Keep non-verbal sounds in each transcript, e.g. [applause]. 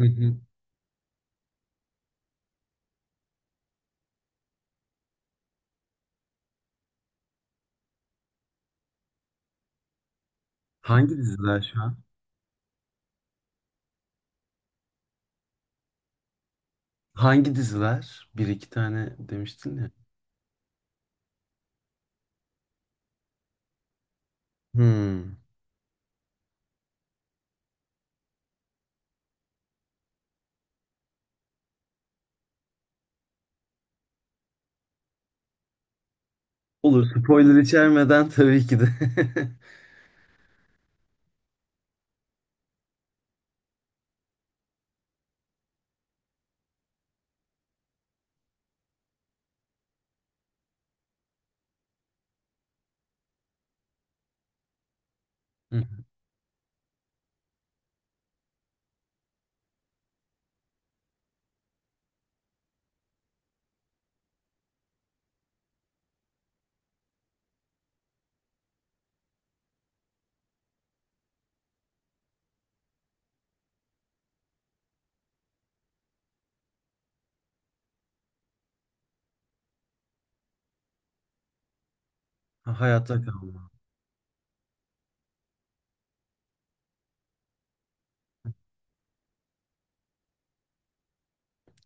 Hı hı. Hangi diziler şu an? Hangi diziler? Bir iki tane demiştin ya. Hmm. Olur. Spoiler içermeden tabii ki de. [laughs] Hı. Ha, hayatta kalma.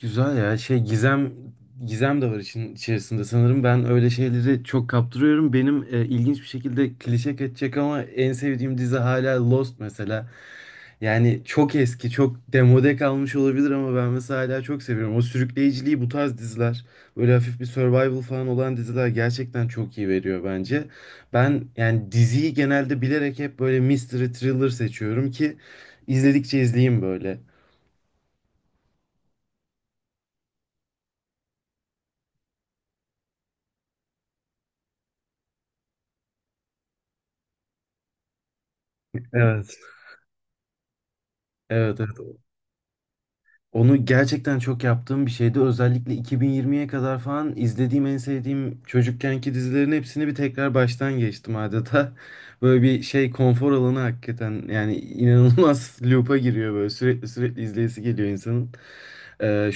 Güzel ya. Şey gizem gizem de var için içerisinde sanırım. Ben öyle şeyleri çok kaptırıyorum. Benim ilginç bir şekilde klişe kaçacak ama en sevdiğim dizi hala Lost mesela. Yani çok eski, çok demode kalmış olabilir ama ben mesela hala çok seviyorum. O sürükleyiciliği bu tarz diziler, böyle hafif bir survival falan olan diziler gerçekten çok iyi veriyor bence. Ben yani diziyi genelde bilerek hep böyle mystery thriller seçiyorum ki izledikçe izleyeyim böyle. Evet. Evet, evet. Onu gerçekten çok yaptığım bir şeydi. Özellikle 2020'ye kadar falan izlediğim en sevdiğim çocukkenki dizilerin hepsini bir tekrar baştan geçtim adeta. [laughs] Böyle bir şey konfor alanı hakikaten yani inanılmaz [laughs] loop'a giriyor böyle sürekli sürekli izleyesi geliyor insanın. Ee,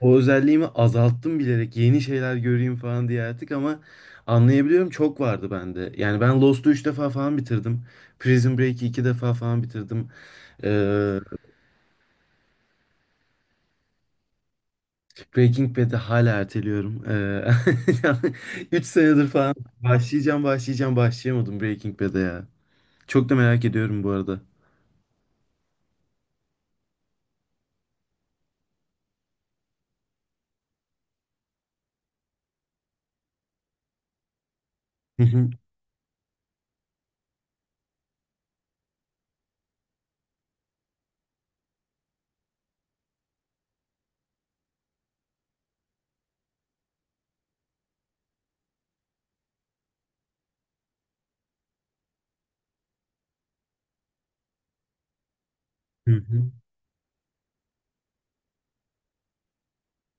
O özelliğimi azalttım bilerek yeni şeyler göreyim falan diye artık ama anlayabiliyorum çok vardı bende. Yani ben Lost'u 3 defa falan bitirdim. Prison Break'i 2 defa falan bitirdim. Ee, Breaking Bad'i hala erteliyorum. [laughs] Üç senedir falan başlayacağım, başlayamadım Breaking Bad'e ya. Çok da merak ediyorum bu arada. Hı hı, hı hı.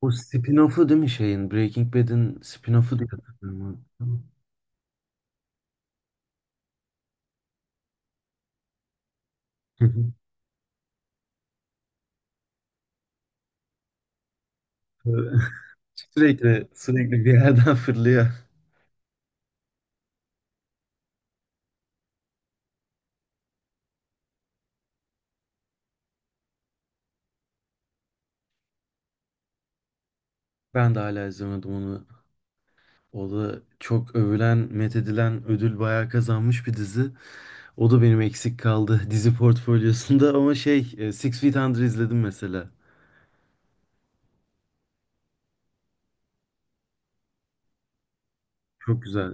O spin-off'u değil mi şeyin? Breaking Bad'in spin-off'u diye hatırlıyorum. Hı hı. [laughs] Sürekli, sürekli bir yerden [laughs] fırlıyor. Ben de hala izlemedim onu. O da çok övülen, methedilen, ödül bayağı kazanmış bir dizi. O da benim eksik kaldı [laughs] dizi portfolyosunda ama şey, Six Feet Under izledim mesela. Çok güzel.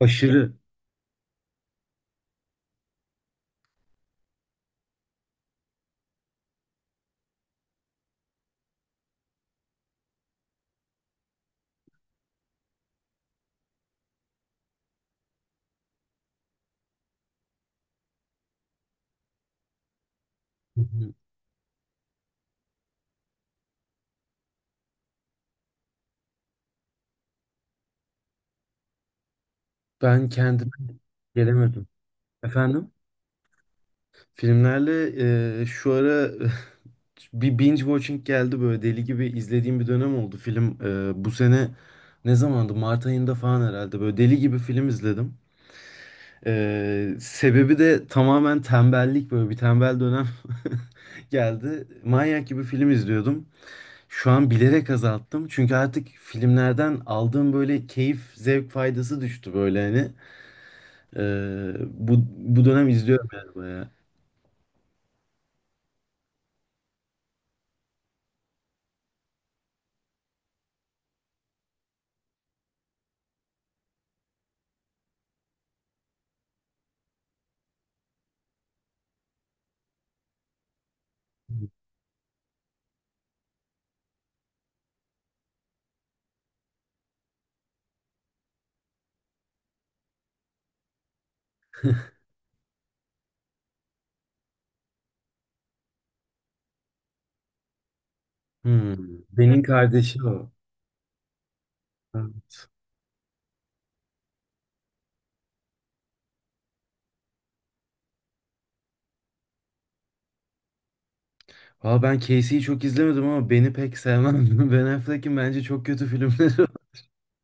Aşırı. Hı hı. Ben kendime gelemedim. Efendim? Filmlerle şu ara [laughs] bir binge watching geldi böyle deli gibi izlediğim bir dönem oldu. Film bu sene ne zamandı? Mart ayında falan herhalde böyle deli gibi film izledim. E, sebebi de tamamen tembellik böyle bir tembel dönem [laughs] geldi. Manyak gibi film izliyordum. Şu an bilerek azalttım. Çünkü artık filmlerden aldığım böyle keyif, zevk faydası düştü böyle hani. Ee, bu, bu dönem izliyorum yani bayağı. Hmm. Ben'in kardeşi o. Valla ben Casey'yi çok izlemedim ama Ben'i pek sevmem. [laughs] Ben Affleck'in bence çok kötü filmleri var.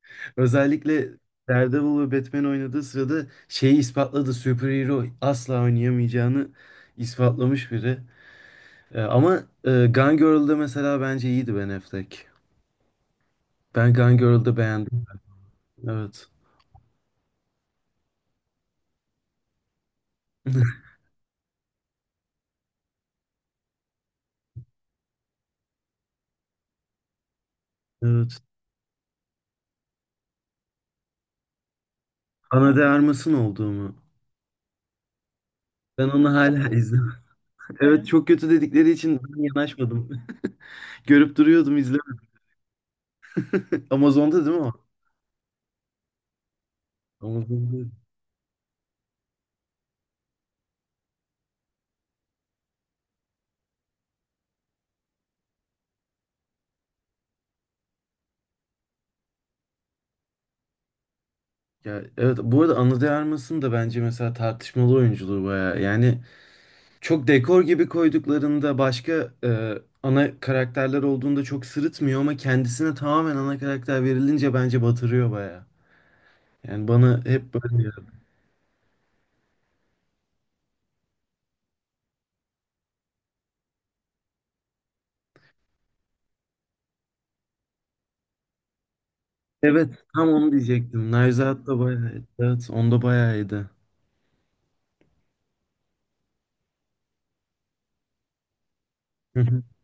[laughs] Özellikle Daredevil ve Batman oynadığı sırada şeyi ispatladı. Superhero asla oynayamayacağını ispatlamış biri. Ama Gone Girl'da mesela bence iyiydi Ben Affleck. Ben Gone Girl'da beğendim. Evet. Evet. Ana de Armas'ın olduğu mu? Ben onu hala [laughs] izlemedim. Evet çok kötü dedikleri için ben yanaşmadım. [laughs] Görüp duruyordum izlemedim. [laughs] Amazon'da değil mi o? Amazon'da. Ya evet bu arada Anna de Armas'ın da bence mesela tartışmalı oyunculuğu bayağı. Yani çok dekor gibi koyduklarında başka ana karakterler olduğunda çok sırıtmıyor ama kendisine tamamen ana karakter verilince bence batırıyor bayağı. Yani bana hep böyle geldi. Evet tam onu diyecektim. Nevzat da bayağı. Evet onda bayağıydı. [laughs]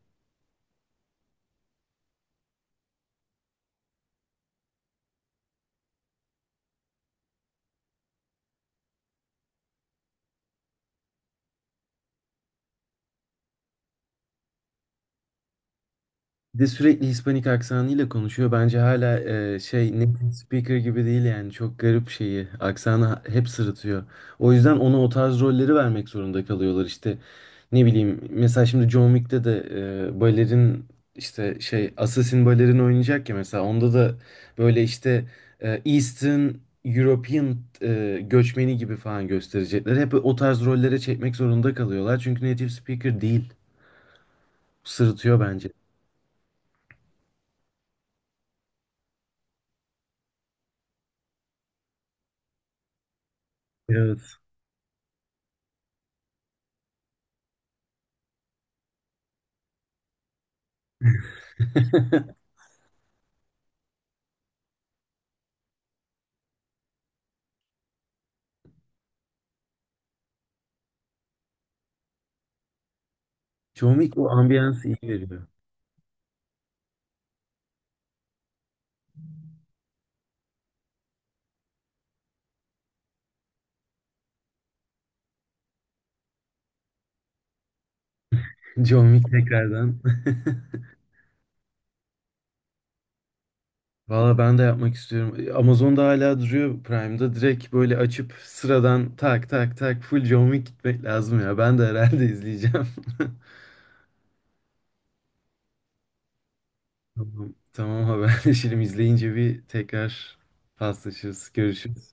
Bir de sürekli Hispanik aksanıyla konuşuyor. Bence hala şey native speaker gibi değil yani. Çok garip şeyi. Aksanı hep sırıtıyor. O yüzden ona o tarz rolleri vermek zorunda kalıyorlar. İşte ne bileyim mesela şimdi John Wick'te de balerin işte şey assassin balerin oynayacak ya mesela. Onda da böyle işte Eastern European göçmeni gibi falan gösterecekler. Hep o tarz rollere çekmek zorunda kalıyorlar. Çünkü native speaker değil. Sırıtıyor bence. Evet. John Wick o ambiyansı iyi veriyor. [laughs] John Wick tekrardan. [laughs] Valla ben de yapmak istiyorum. Amazon'da hala duruyor Prime'da. Direkt böyle açıp sıradan tak tak tak full John Wick gitmek lazım ya. Ben de herhalde izleyeceğim. [laughs] Tamam, tamam haberleşelim. İzleyince bir tekrar paslaşırız. Görüşürüz.